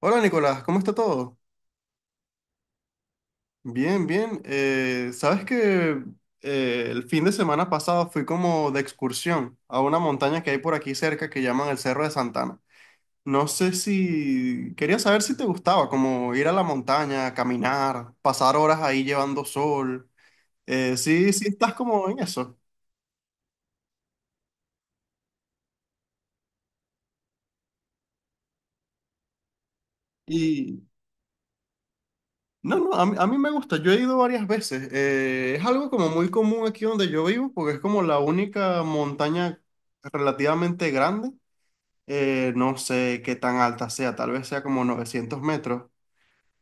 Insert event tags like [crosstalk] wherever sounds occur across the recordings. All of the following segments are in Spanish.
Hola Nicolás, ¿cómo está todo? Bien, bien. Sabes que el fin de semana pasado fui como de excursión a una montaña que hay por aquí cerca que llaman el Cerro de Santana. No sé si quería saber si te gustaba, como ir a la montaña, caminar, pasar horas ahí llevando sol. Sí, sí estás como en eso. Y no, no, a mí me gusta. Yo he ido varias veces. Es algo como muy común aquí donde yo vivo porque es como la única montaña relativamente grande. No sé qué tan alta sea, tal vez sea como 900 metros.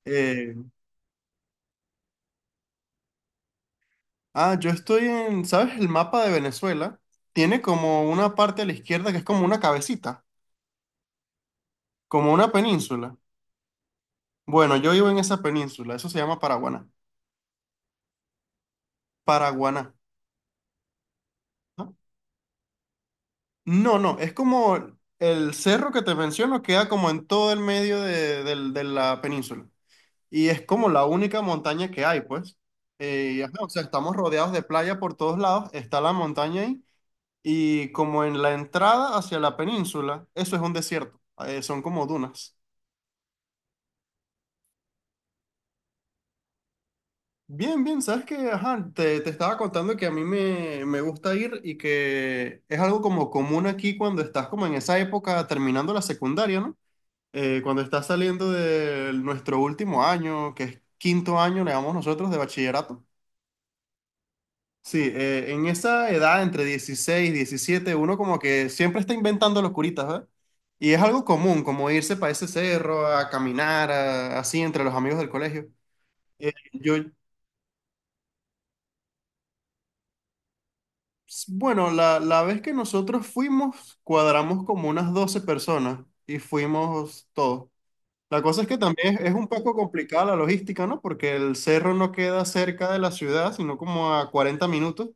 Eh, yo estoy en, ¿sabes? El mapa de Venezuela tiene como una parte a la izquierda que es como una cabecita, como una península. Bueno, yo vivo en esa península, eso se llama Paraguaná. Paraguaná. ¿No? No, no, es como el cerro que te menciono queda como en todo el medio de la península. Y es como la única montaña que hay, pues. Y ajá, o sea, estamos rodeados de playa por todos lados, está la montaña ahí. Y como en la entrada hacia la península, eso es un desierto, son como dunas. Bien, bien, sabes que, ajá, te estaba contando que a mí me gusta ir y que es algo como común aquí cuando estás como en esa época terminando la secundaria, ¿no? Cuando estás saliendo de nuestro último año, que es quinto año, le llamamos nosotros, de bachillerato. Sí, en esa edad, entre 16 y 17, uno como que siempre está inventando locuritas, ¿verdad? Y es algo común, como irse para ese cerro, a caminar, así entre los amigos del colegio. Eh, yo, bueno, la vez que nosotros fuimos, cuadramos como unas 12 personas y fuimos todos. La cosa es que también es un poco complicada la logística, ¿no? Porque el cerro no queda cerca de la ciudad, sino como a 40 minutos.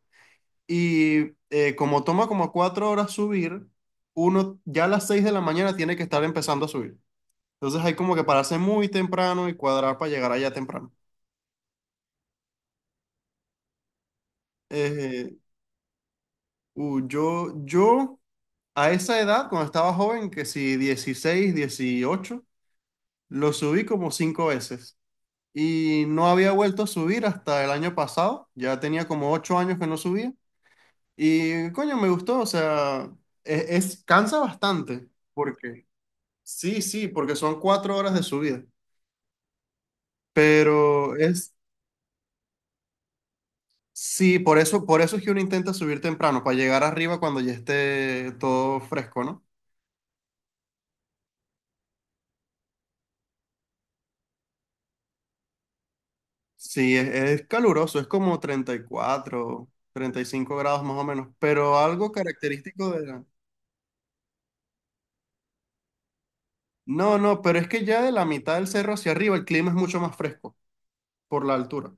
Y como toma como 4 horas subir, uno ya a las 6 de la mañana tiene que estar empezando a subir. Entonces hay como que pararse muy temprano y cuadrar para llegar allá temprano. Eh, yo a esa edad, cuando estaba joven, que si 16, 18 lo subí como cinco veces. Y no había vuelto a subir hasta el año pasado. Ya tenía como 8 años que no subía. Y coño, me gustó. O sea, cansa bastante. Porque Sí, sí, porque son 4 horas de subida. Pero es, sí, por eso es que uno intenta subir temprano, para llegar arriba cuando ya esté todo fresco, ¿no? Sí, es caluroso, es como 30, 34, 35 grados más o menos, pero algo característico de la... No, no, pero es que ya de la mitad del cerro hacia arriba el clima es mucho más fresco por la altura.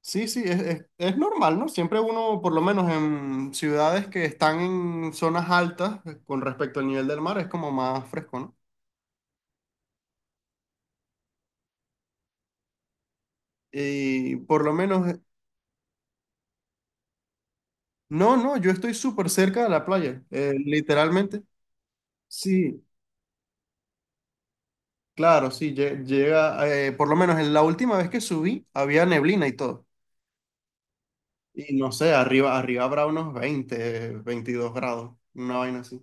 Sí, sí, es normal, ¿no? Siempre uno, por lo menos en ciudades que están en zonas altas, con respecto al nivel del mar, es como más fresco, ¿no? Y por lo menos, no, no, yo estoy súper cerca de la playa, literalmente. Sí, claro, sí, llega, por lo menos en la última vez que subí, había neblina y todo. Y no sé, arriba, arriba habrá unos 20, 22 grados, una vaina así.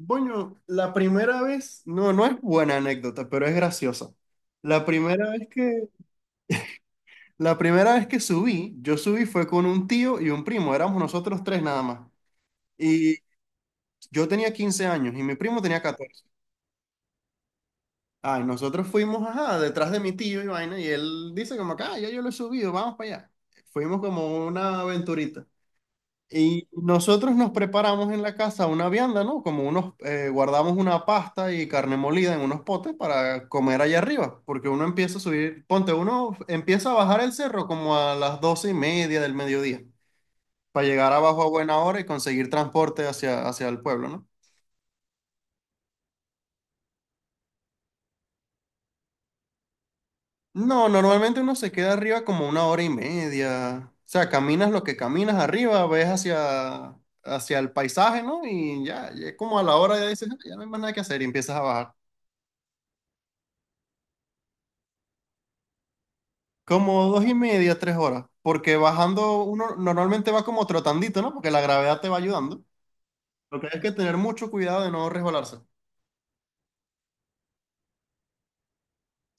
Bueno, la primera vez, no, no es buena anécdota, pero es graciosa. La primera vez que, la primera vez que subí, yo subí fue con un tío y un primo, éramos nosotros tres nada más. Y yo tenía 15 años y mi primo tenía 14. Ay, nosotros fuimos, ajá, detrás de mi tío y vaina, y él dice como que, ah, ya yo lo he subido, vamos para allá. Fuimos como una aventurita. Y nosotros nos preparamos en la casa una vianda, ¿no? Como unos, guardamos una pasta y carne molida en unos potes para comer allá arriba, porque uno empieza a subir, ponte, uno empieza a bajar el cerro como a las 12:30 del mediodía, para llegar abajo a buena hora y conseguir transporte hacia el pueblo, ¿no? No, normalmente uno se queda arriba como una hora y media, o sea, caminas lo que caminas arriba, ves hacia el paisaje, ¿no? Y ya, ya como a la hora ya dices, "Ah, ya no hay más nada que hacer", y empiezas a bajar. Como dos y media, 3 horas, porque bajando uno normalmente va como trotandito, ¿no? Porque la gravedad te va ayudando. Lo que hay que tener mucho cuidado de no resbalarse.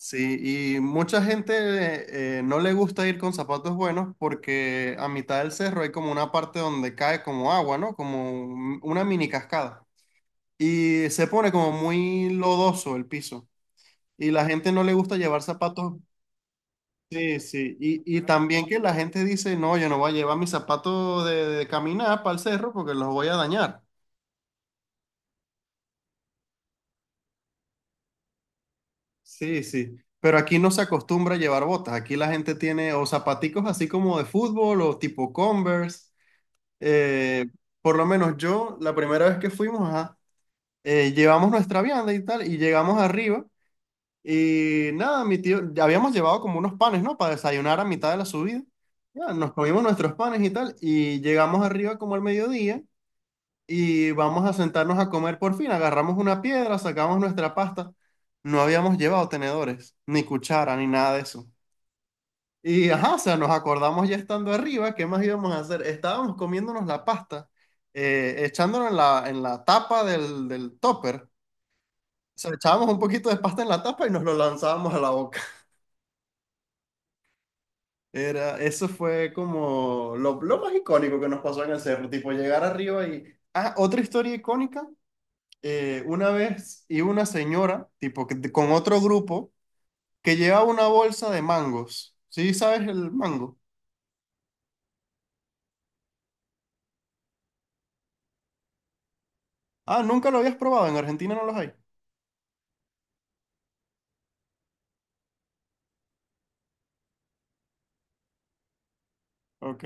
Sí, y mucha gente, no le gusta ir con zapatos buenos porque a mitad del cerro hay como una parte donde cae como agua, ¿no? Como una mini cascada. Y se pone como muy lodoso el piso. Y la gente no le gusta llevar zapatos. Sí, sí, y también que la gente dice, no, yo no voy a llevar mis zapatos de caminar para el cerro porque los voy a dañar. Sí, sí, pero aquí no se acostumbra a llevar botas, aquí la gente tiene o zapaticos así como de fútbol o tipo Converse. Eh, por lo menos yo, la primera vez que fuimos, ajá, llevamos nuestra vianda y tal, y llegamos arriba, y nada, mi tío, ya habíamos llevado como unos panes, ¿no? Para desayunar a mitad de la subida. Ya, nos comimos nuestros panes y tal, y llegamos arriba como al mediodía. Y vamos a sentarnos a comer por fin. Agarramos una piedra, sacamos nuestra pasta. No habíamos llevado tenedores, ni cuchara, ni nada de eso. Y ajá, o sea, nos acordamos ya estando arriba, ¿qué más íbamos a hacer? Estábamos comiéndonos la pasta, echándonos en la tapa del topper. O sea, echábamos un poquito de pasta en la tapa y nos lo lanzábamos a la boca. [laughs] Eso fue como lo más icónico que nos pasó en el cerro, tipo llegar arriba y... Ah, otra historia icónica, una vez iba una señora, tipo, con otro grupo, que llevaba una bolsa de mangos. ¿Sí sabes el mango? Ah, nunca lo habías probado, en Argentina no los hay. Ok.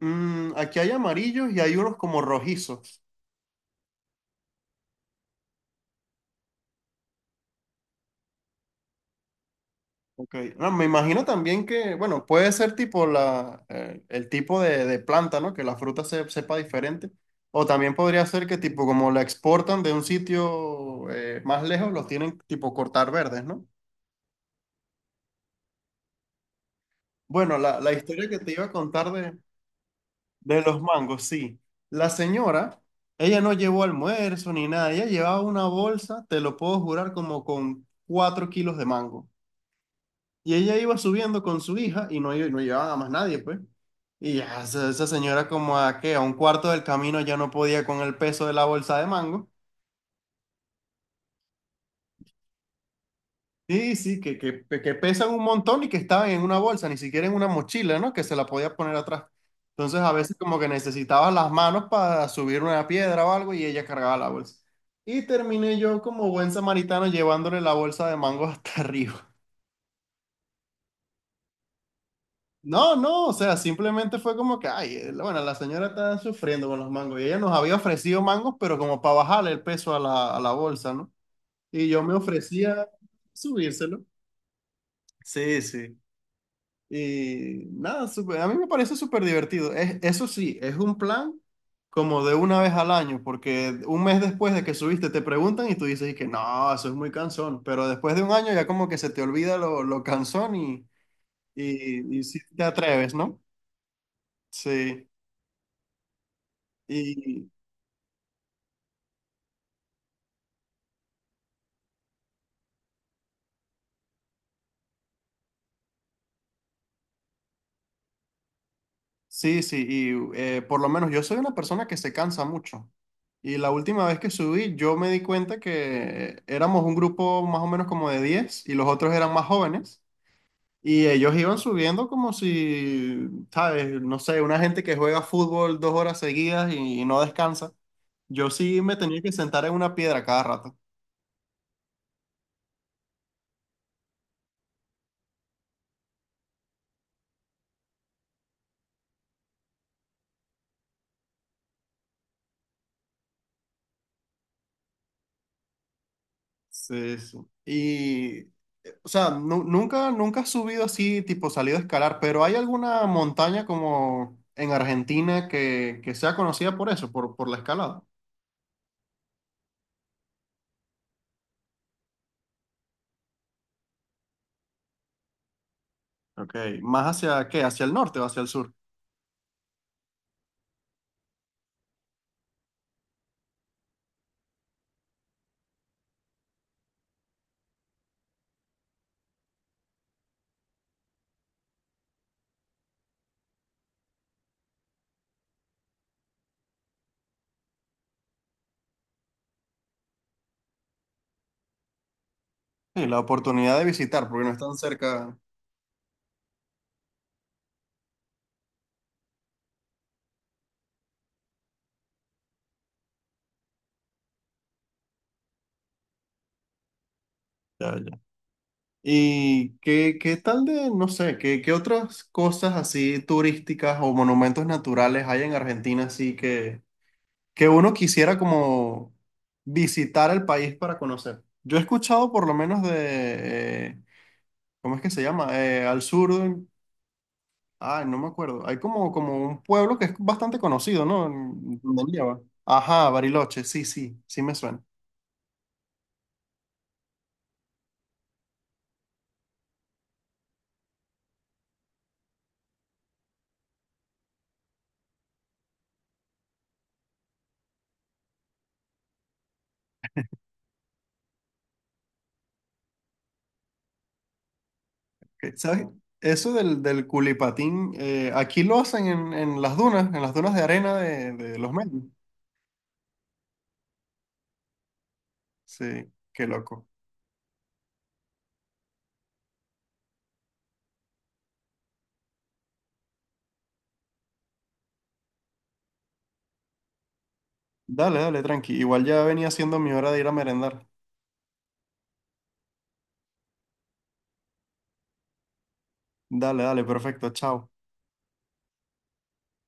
Mm, aquí hay amarillos y hay unos como rojizos. Ok. No, me imagino también que, bueno, puede ser tipo el tipo de planta, ¿no? Que la fruta sepa diferente. O también podría ser que tipo como la exportan de un sitio, más lejos, los tienen tipo cortar verdes, ¿no? Bueno, la historia que te iba a contar de los mangos, sí. La señora, ella no llevó almuerzo ni nada, ella llevaba una bolsa, te lo puedo jurar, como con 4 kilos de mango. Y ella iba subiendo con su hija y no, no llevaba a más nadie, pues. Y ya, esa señora como a un cuarto del camino ya no podía con el peso de la bolsa de mango. Sí, sí, que pesan un montón y que estaban en una bolsa, ni siquiera en una mochila, ¿no? Que se la podía poner atrás. Entonces a veces como que necesitabas las manos para subir una piedra o algo y ella cargaba la bolsa. Y terminé yo como buen samaritano llevándole la bolsa de mango [laughs] hasta arriba. No, no, o sea, simplemente fue como que, ay, bueno, la señora está sufriendo con los mangos y ella nos había ofrecido mangos, pero como para bajarle el peso a la bolsa, ¿no? Y yo me ofrecía subírselo. Sí, sí. Y nada, a mí me parece súper divertido. Eso sí, es un plan como de una vez al año, porque un mes después de que subiste te preguntan y tú dices y que no, eso es muy cansón, pero después de un año ya como que se te olvida lo cansón y sí te atreves, ¿no? Sí, y sí, sí, y por lo menos yo soy una persona que se cansa mucho. Y la última vez que subí, yo me di cuenta que éramos un grupo más o menos como de 10 y los otros eran más jóvenes. Y ellos iban subiendo como si, ¿sabes? No sé, una gente que juega fútbol 2 horas seguidas y, no descansa. Yo sí me tenía que sentar en una piedra cada rato. Sí, sí. Y, o sea, nunca, nunca has subido así, tipo salido a escalar, pero ¿hay alguna montaña como en Argentina que sea conocida por eso, por la escalada? Ok, ¿más hacia qué? ¿Hacia el norte o hacia el sur? Sí, la oportunidad de visitar, porque no están cerca. Ya, ya. ¿Y qué tal de, no sé, qué otras cosas así turísticas o monumentos naturales hay en Argentina así que uno quisiera como visitar el país para conocer? Yo he escuchado por lo menos ¿Cómo es que se llama? Al sur, ay, no me acuerdo. Hay como un pueblo que es bastante conocido, ¿no? Donde lleva. Ajá, Bariloche, sí, sí, sí me suena. Ok, ¿sabes? Eso del culipatín, aquí lo hacen en las dunas de arena de los medios. Sí, qué loco. Dale, dale, tranqui. Igual ya venía siendo mi hora de ir a merendar. Dale, dale, perfecto, chao.